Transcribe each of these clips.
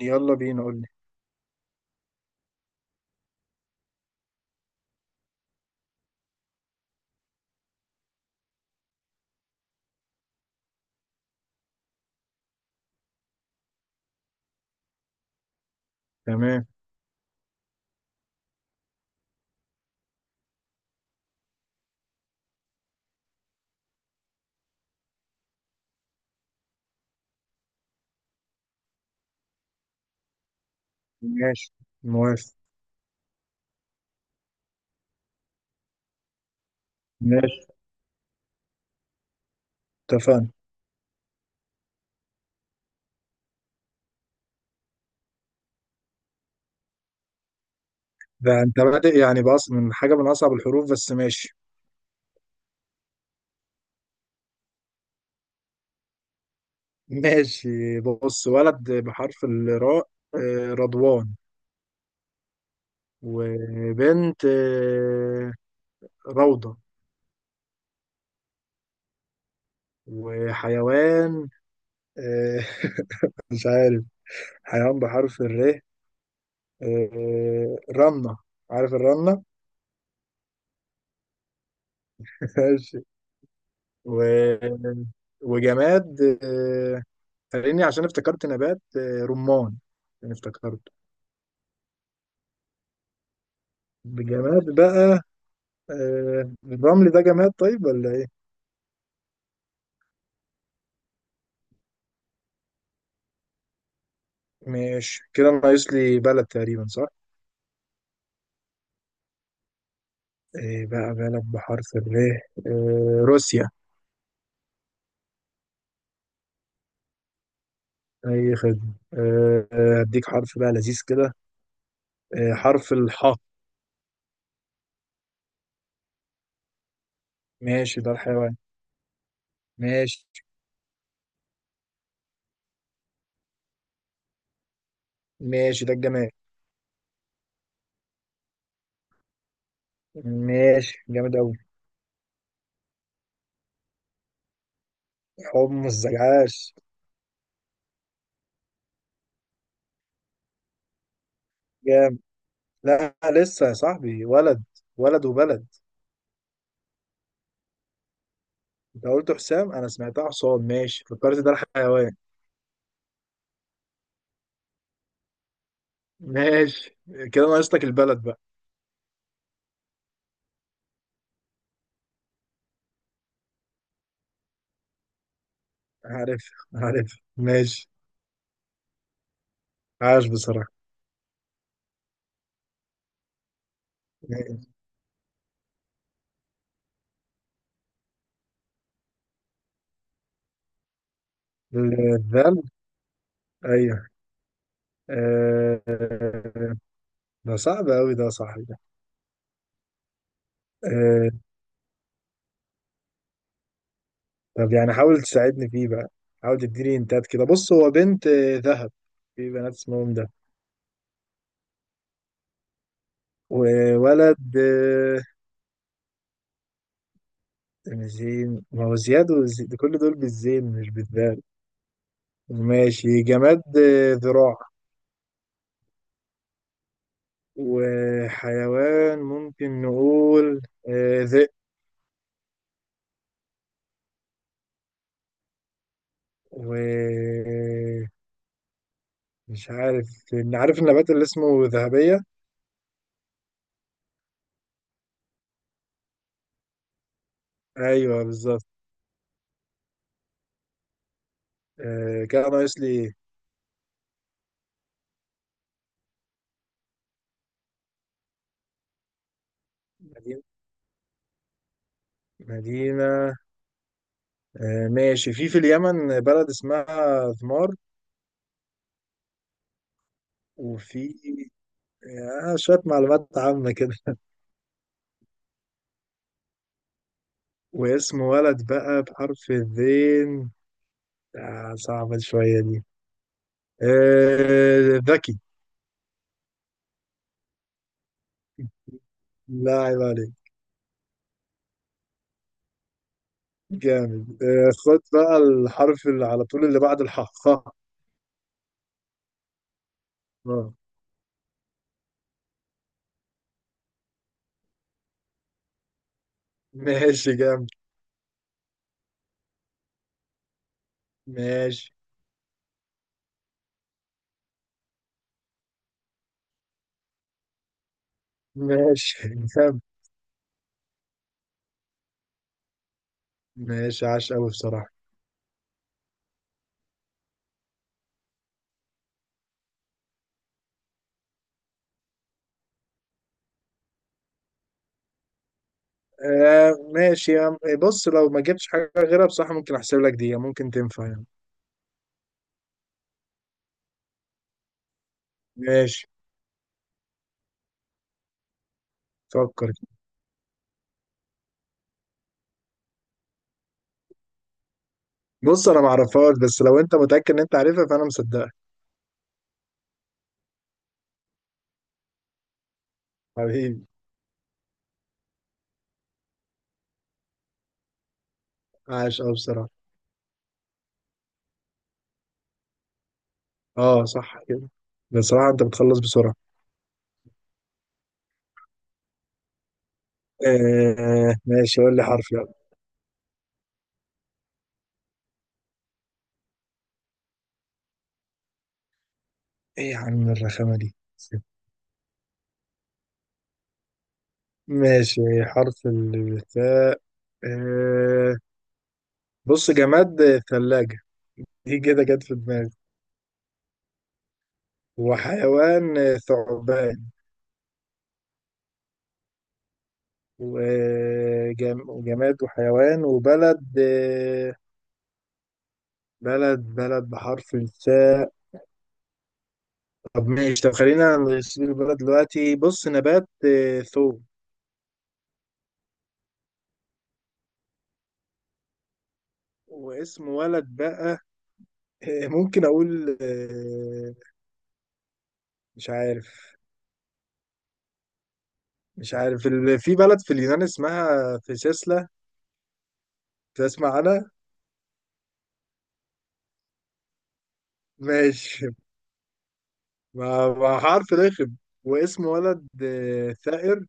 يلا بينا، قول لي. تمام. ماشي. موافق. ماشي. اتفقنا. ده انت بادئ يعني من حاجة من أصعب الحروف، بس ماشي. ماشي. بص، ولد بحرف الراء رضوان. وبنت روضة. وحيوان آه، مش عارف. حيوان بحرف الر رنة. عارف الرنة؟ ماشي. و... وجماد فاهمني، عشان افتكرت نبات رمان. يعني افتكرته بجماد بقى. الرمل ده جماد طيب ولا ايه؟ ماشي، كده ناقص لي بلد تقريبا، صح؟ ايه بقى بلد بحرف الر؟ روسيا. اي خدمة. هديك حرف بقى لذيذ كده. حرف الحاء. ماشي، ده الحيوان. ماشي ماشي، ده الجماد. ماشي، جامد أوي. حمص زجاج. جامد. لا لسه يا صاحبي، ولد. ولد وبلد. انت قلت حسام، انا سمعتها حصان، ماشي فكرت ده الحيوان. ماشي، كده ناقصتك البلد بقى. عارف. عارف، ماشي. عاش بصراحة. ماشي. الذل. ايوه. آه، ده صعب قوي ده يا صاحبي ده. آه، طب يعني حاول تساعدني فيه بقى. حاول تديني انتات كده. بص، هو بنت ذهب. في بنات اسمهم ده. وولد زين، ما هو زياد كل دول بالزين مش بالذال. ماشي. جماد ذراع. وحيوان ممكن نقول ذئب. ومش عارف إن عارف النبات اللي اسمه ذهبية. ايوه بالظبط. كده ناقص لي إيه؟ مدينة. مدينة ماشي، في اليمن بلد اسمها ذمار. وفي شوية معلومات عامة كده. واسم ولد بقى بحرف الذين صعبة شوية دي. ذكي. لا، عيب عليك. جامد خد بقى الحرف اللي على طول، اللي بعد الحاء، خاء. آه. ماشي جامد. ماشي ماشي جامد. ماشي عاش قوي بصراحة. آه ماشي يا عم، إيه، بص لو ما جبتش حاجة غيرها بصراحة ممكن أحسب لك دي، يعني ممكن تنفع يعني. ماشي، فكر كده. بص، أنا ما أعرفهاش، بس لو أنت متأكد إن أنت عارفها فأنا مصدقك. حبيبي. عاش قوي بصراحة. أه صح كده. بصراحة أنت بتخلص بسرعة. آه ماشي، قول لي حرف يلا. إيه يا عم الرخامة دي؟ ماشي، حرف الثاء. آه، بص، جماد ثلاجة. دي كده جت في دماغي. وحيوان ثعبان. وجماد وحيوان وبلد بلد بلد بحرف الثاء. طب ماشي، طب خلينا نسيب البلد دلوقتي. بص، نبات ثوم. واسم ولد بقى ممكن أقول مش عارف. مش عارف في بلد في اليونان اسمها فيسيسلا. تسمع عنها؟ ماشي. ما حرف رخم. واسم ولد ثائر.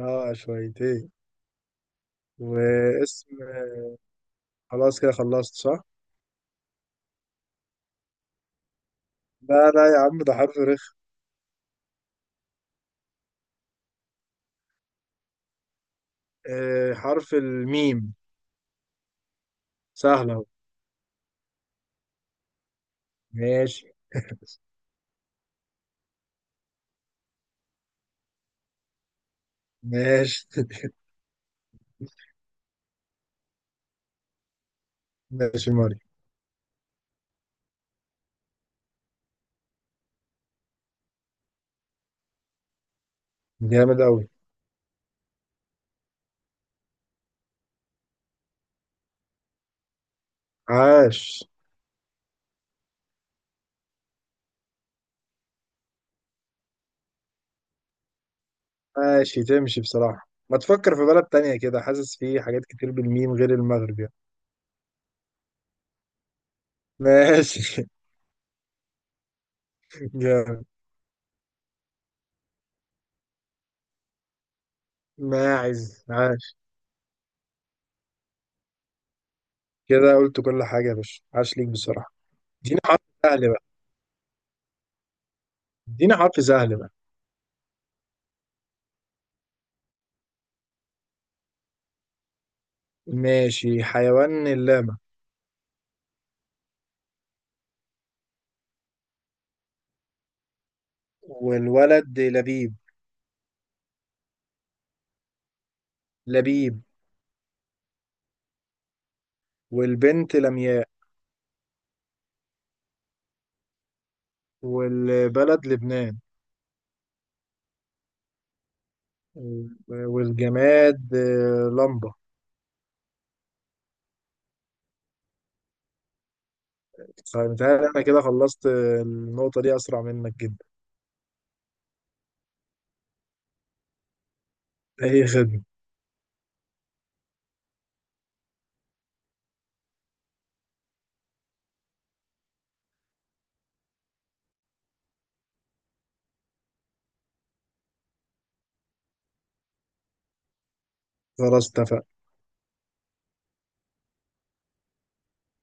اه شويتين. واسم خلاص كده خلصت، صح؟ لا لا يا عم، ده حرف رخم. آه حرف الميم. سهلة أهو. ماشي. ماشي ماشي ماري. جامد أوي. عاش. ماشي، تمشي بصراحة. ما تفكر في بلد تانية كده، حاسس في حاجات كتير بالميم غير المغرب يعني. ماشي جامد. ماعز. عاش. كده قلت كل حاجة يا باشا، عاش ليك بصراحة. اديني حرف سهل بقى. ادينا حرف سهل بقى. ماشي، حيوان اللاما. والولد لبيب. لبيب. والبنت لمياء. والبلد لبنان. والجماد لمبة. فمتهيألي أنا كده خلصت النقطة دي أسرع منك جدا. أي خدمة. خلاص اتفقنا.